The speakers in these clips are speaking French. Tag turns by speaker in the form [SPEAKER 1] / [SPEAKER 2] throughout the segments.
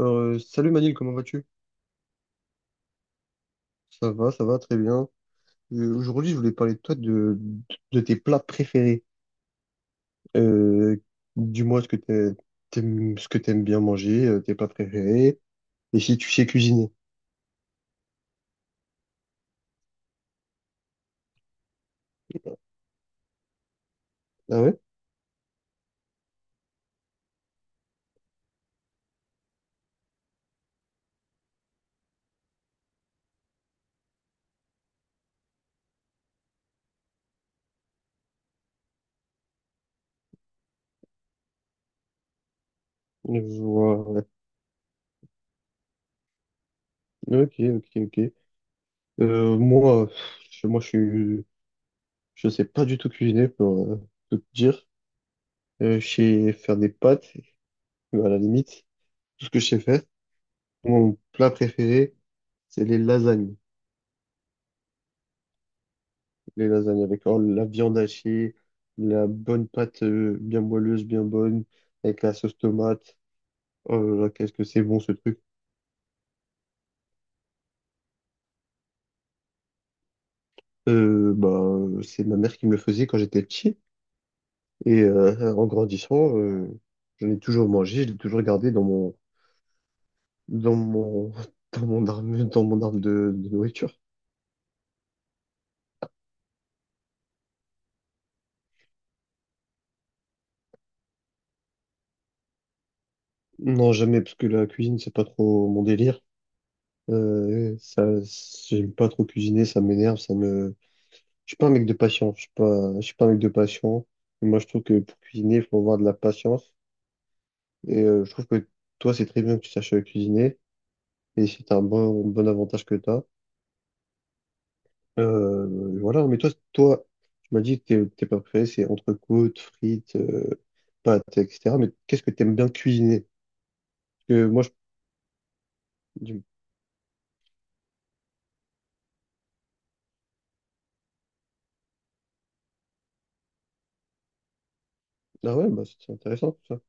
[SPEAKER 1] Salut Manil, comment vas-tu? Ça va, très bien. Aujourd'hui, je voulais parler de tes plats préférés. Euh, Dis-moi ce que t'aimes, ce que t'aimes bien manger, tes plats préférés, et si tu sais cuisiner. Ah ouais? Voilà. Ok, ok, ok. Euh, moi, moi, je sais pas du tout cuisiner pour tout te dire. Je sais faire des pâtes, mais à la limite, tout ce que je sais faire. Mon plat préféré, c'est les lasagnes. Les lasagnes avec oh, la viande hachée, la bonne pâte bien moelleuse, bien bonne, avec la sauce tomate. Oh là là, qu'est-ce que c'est bon ce truc. C'est ma mère qui me le faisait quand j'étais petit. Et en grandissant, j'en ai toujours mangé, je l'ai toujours gardé dans mon dans mon arme de nourriture. Non, jamais, parce que la cuisine, c'est pas trop mon délire. Ça, j'aime pas trop cuisiner, ça m'énerve, je suis pas un mec de patience. Je suis pas un mec de patience. Et moi, je trouve que pour cuisiner, il faut avoir de la patience. Et je trouve que toi, c'est très bien que tu saches cuisiner. Et c'est un bon avantage que tu as. Voilà. Mais toi, tu m'as dit que t'es pas prêt. C'est entrecôte, frites, pâtes, etc. Mais qu'est-ce que tu aimes bien cuisiner? Parce que moi, je... du- Ah ouais, bah, c'est intéressant tout ça.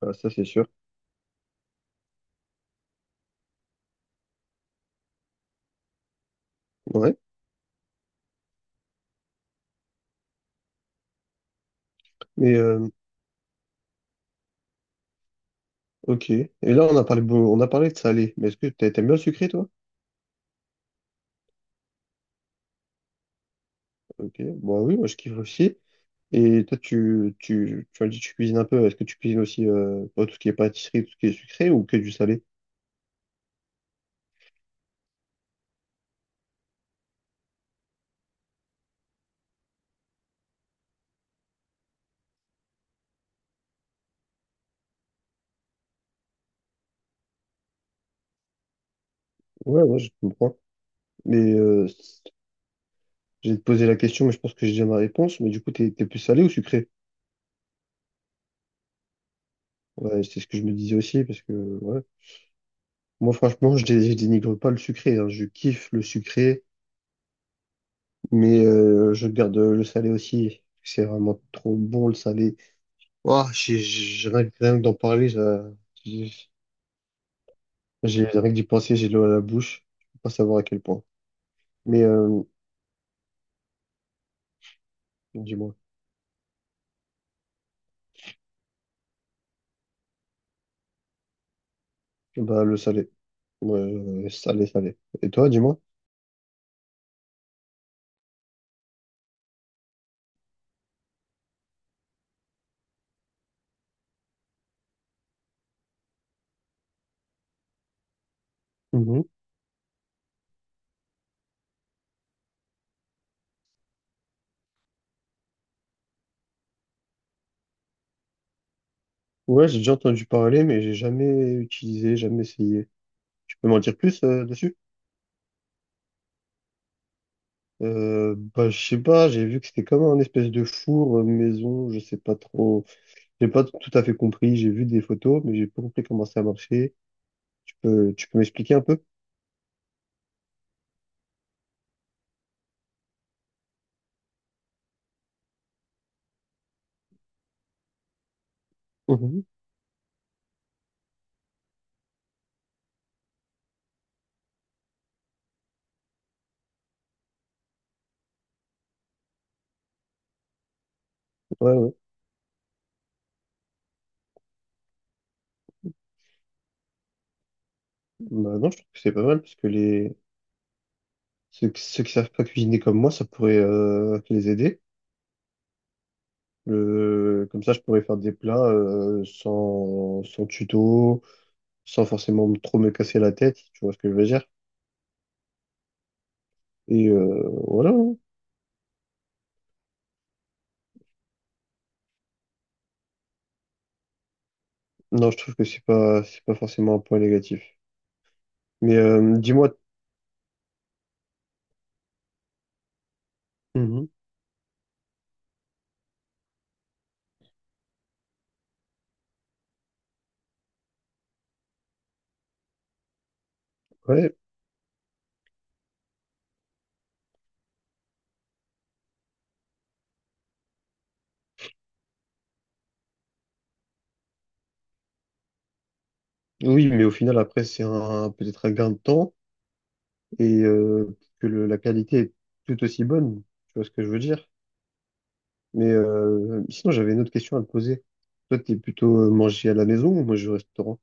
[SPEAKER 1] Ah, ça, c'est sûr. Ouais. Mais euh, ok. Et là, on a parlé, on a parlé de salé. Mais est-ce que t'aimes bien le sucré, toi? Ok. Bon, oui, moi, je kiffe aussi. Et toi, tu as dit que tu cuisines un peu. Est-ce que tu cuisines aussi pas tout ce qui est pâtisserie, tout ce qui est sucré ou que du salé? Ouais, ouais, je comprends. Mais euh, j'ai posé la question, mais je pense que j'ai déjà ma réponse. Mais du coup, t'es plus salé ou sucré? Ouais, c'est ce que je me disais aussi, parce que ouais. Moi, franchement, je dénigre pas le sucré, hein. Je kiffe le sucré, mais je garde le salé aussi. C'est vraiment trop bon le salé. Rien que d'en parler, j'ai, rien que d'y penser, j'ai l'eau à la bouche. Je peux pas savoir à quel point. Mais euh, dis-moi, bah le salé, ouais, ouais, salé, salé. Et toi, dis-moi? Mhm. Ouais, j'ai déjà entendu parler, mais j'ai jamais utilisé, jamais essayé. Tu peux m'en dire plus dessus? Bah je sais pas, j'ai vu que c'était comme un espèce de four maison, je sais pas trop, j'ai pas tout à fait compris. J'ai vu des photos, mais j'ai pas compris comment ça marchait. Tu peux m'expliquer un peu? Mhm. Ouais, ouais. Bah non, je trouve que c'est pas mal parce que les ceux qui savent pas cuisiner comme moi, ça pourrait les aider. Comme ça, je pourrais faire des plats euh, sans tuto, sans forcément trop me casser la tête, tu vois ce que je veux dire? Et voilà, hein. Non, je trouve que c'est pas forcément un point négatif. Dis-moi, Mhm. Ouais, oui, mais au final, après, c'est un, peut-être un gain de temps et que la qualité est tout aussi bonne, tu vois ce que je veux dire? Sinon, j'avais une autre question à te poser. Toi, t'es plutôt manger à la maison ou manger au restaurant?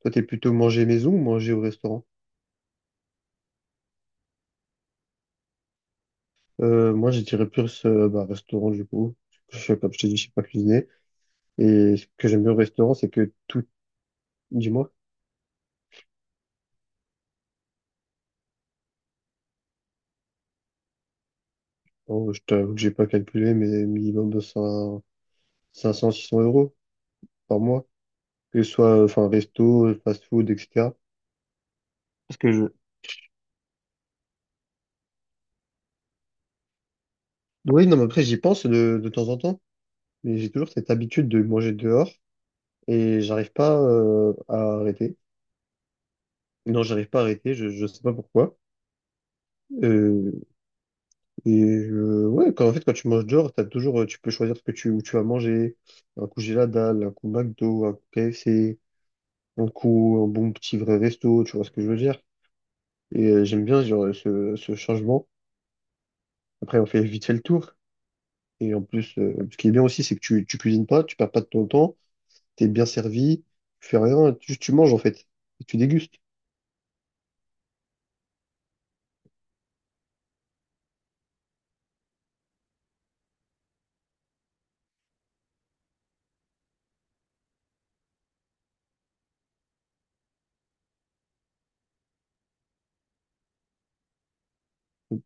[SPEAKER 1] Toi, t'es plutôt manger maison ou manger au restaurant? Moi, je dirais plus bah, restaurant du coup. Je, comme je t'ai dit, je sais pas cuisiner. Et ce que j'aime bien au restaurant, c'est que tout, dis-moi, Oh, je t'avoue que j'ai pas calculé, mais minimum de 5, 500-600 euros par mois, que ce soit enfin resto, fast-food, etc. Parce que je, oui, non, mais après j'y pense de temps en temps, mais j'ai toujours cette habitude de manger dehors et j'arrive pas à arrêter. Non, j'arrive pas à arrêter. Je sais pas pourquoi. Euh, Et ouais, quand, en fait, quand tu manges dehors, t'as toujours, tu peux choisir où tu vas manger. Un coup j'ai la dalle, un coup McDo, un coup KFC, un coup un bon petit vrai resto, tu vois ce que je veux dire. Et j'aime bien genre, ce changement. Après, on fait vite fait le tour. Et en plus, ce qui est bien aussi, c'est que tu cuisines pas, tu perds pas de ton temps, t'es bien servi, tu fais rien, tu manges en fait, et tu dégustes.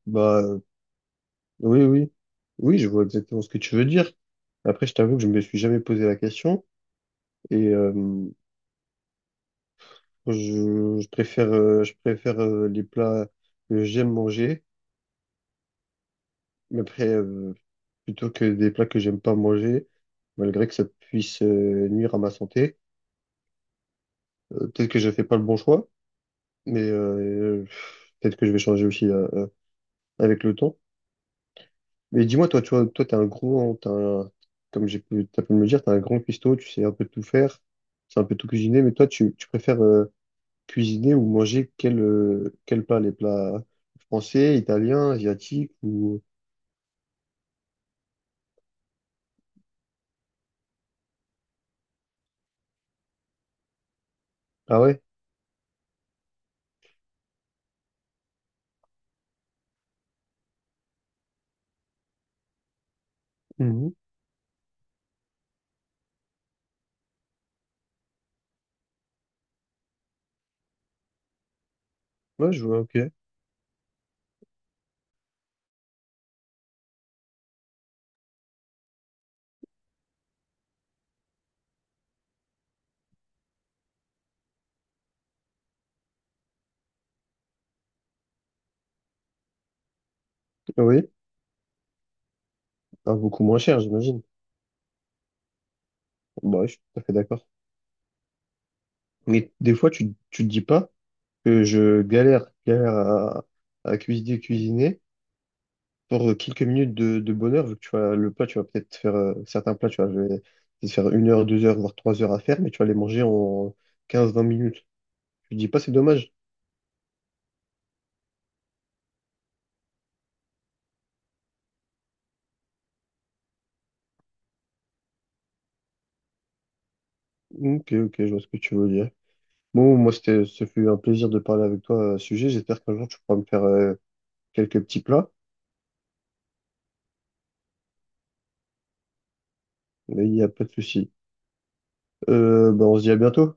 [SPEAKER 1] Bah euh, oui, oui, oui, je vois exactement ce que tu veux dire. Après, je t'avoue que je me suis jamais posé la question. Et je préfère les plats que j'aime manger, mais après, plutôt que des plats que j'aime pas manger, malgré que ça puisse nuire à ma santé. Peut-être que je fais pas le bon choix, mais peut-être que je vais changer aussi avec le temps. Mais dis-moi, toi, tu vois, toi, t'es un gros, hein, comme j'ai pu, t'as pu me le dire, t'es un grand cuistot, tu sais un peu tout faire, tu sais un peu tout cuisiner, mais toi, tu préfères cuisiner ou manger quel plat, les plats français, italiens, asiatiques ou Ah ouais? Mhm. Ouais, je vois, ok. Ah oui, ah, beaucoup moins cher, j'imagine. Bah, ouais, je suis tout à fait d'accord. Mais des fois, tu te dis pas que je galère à, cuisiner pour quelques minutes de bonheur, vu que tu vois, le plat, tu vas peut-être faire certains plats, tu vas je vais te faire 1 heure, 2 heures, voire 3 heures à faire, mais tu vas les manger en 15 20 minutes. Tu te dis pas, c'est dommage. Ok, ok, je vois ce que tu veux dire. Bon, moi, ce fut un plaisir de parler avec toi à ce sujet. J'espère qu'un jour, tu pourras me faire quelques petits plats, mais il n'y a pas de souci. Ben, on se dit à bientôt.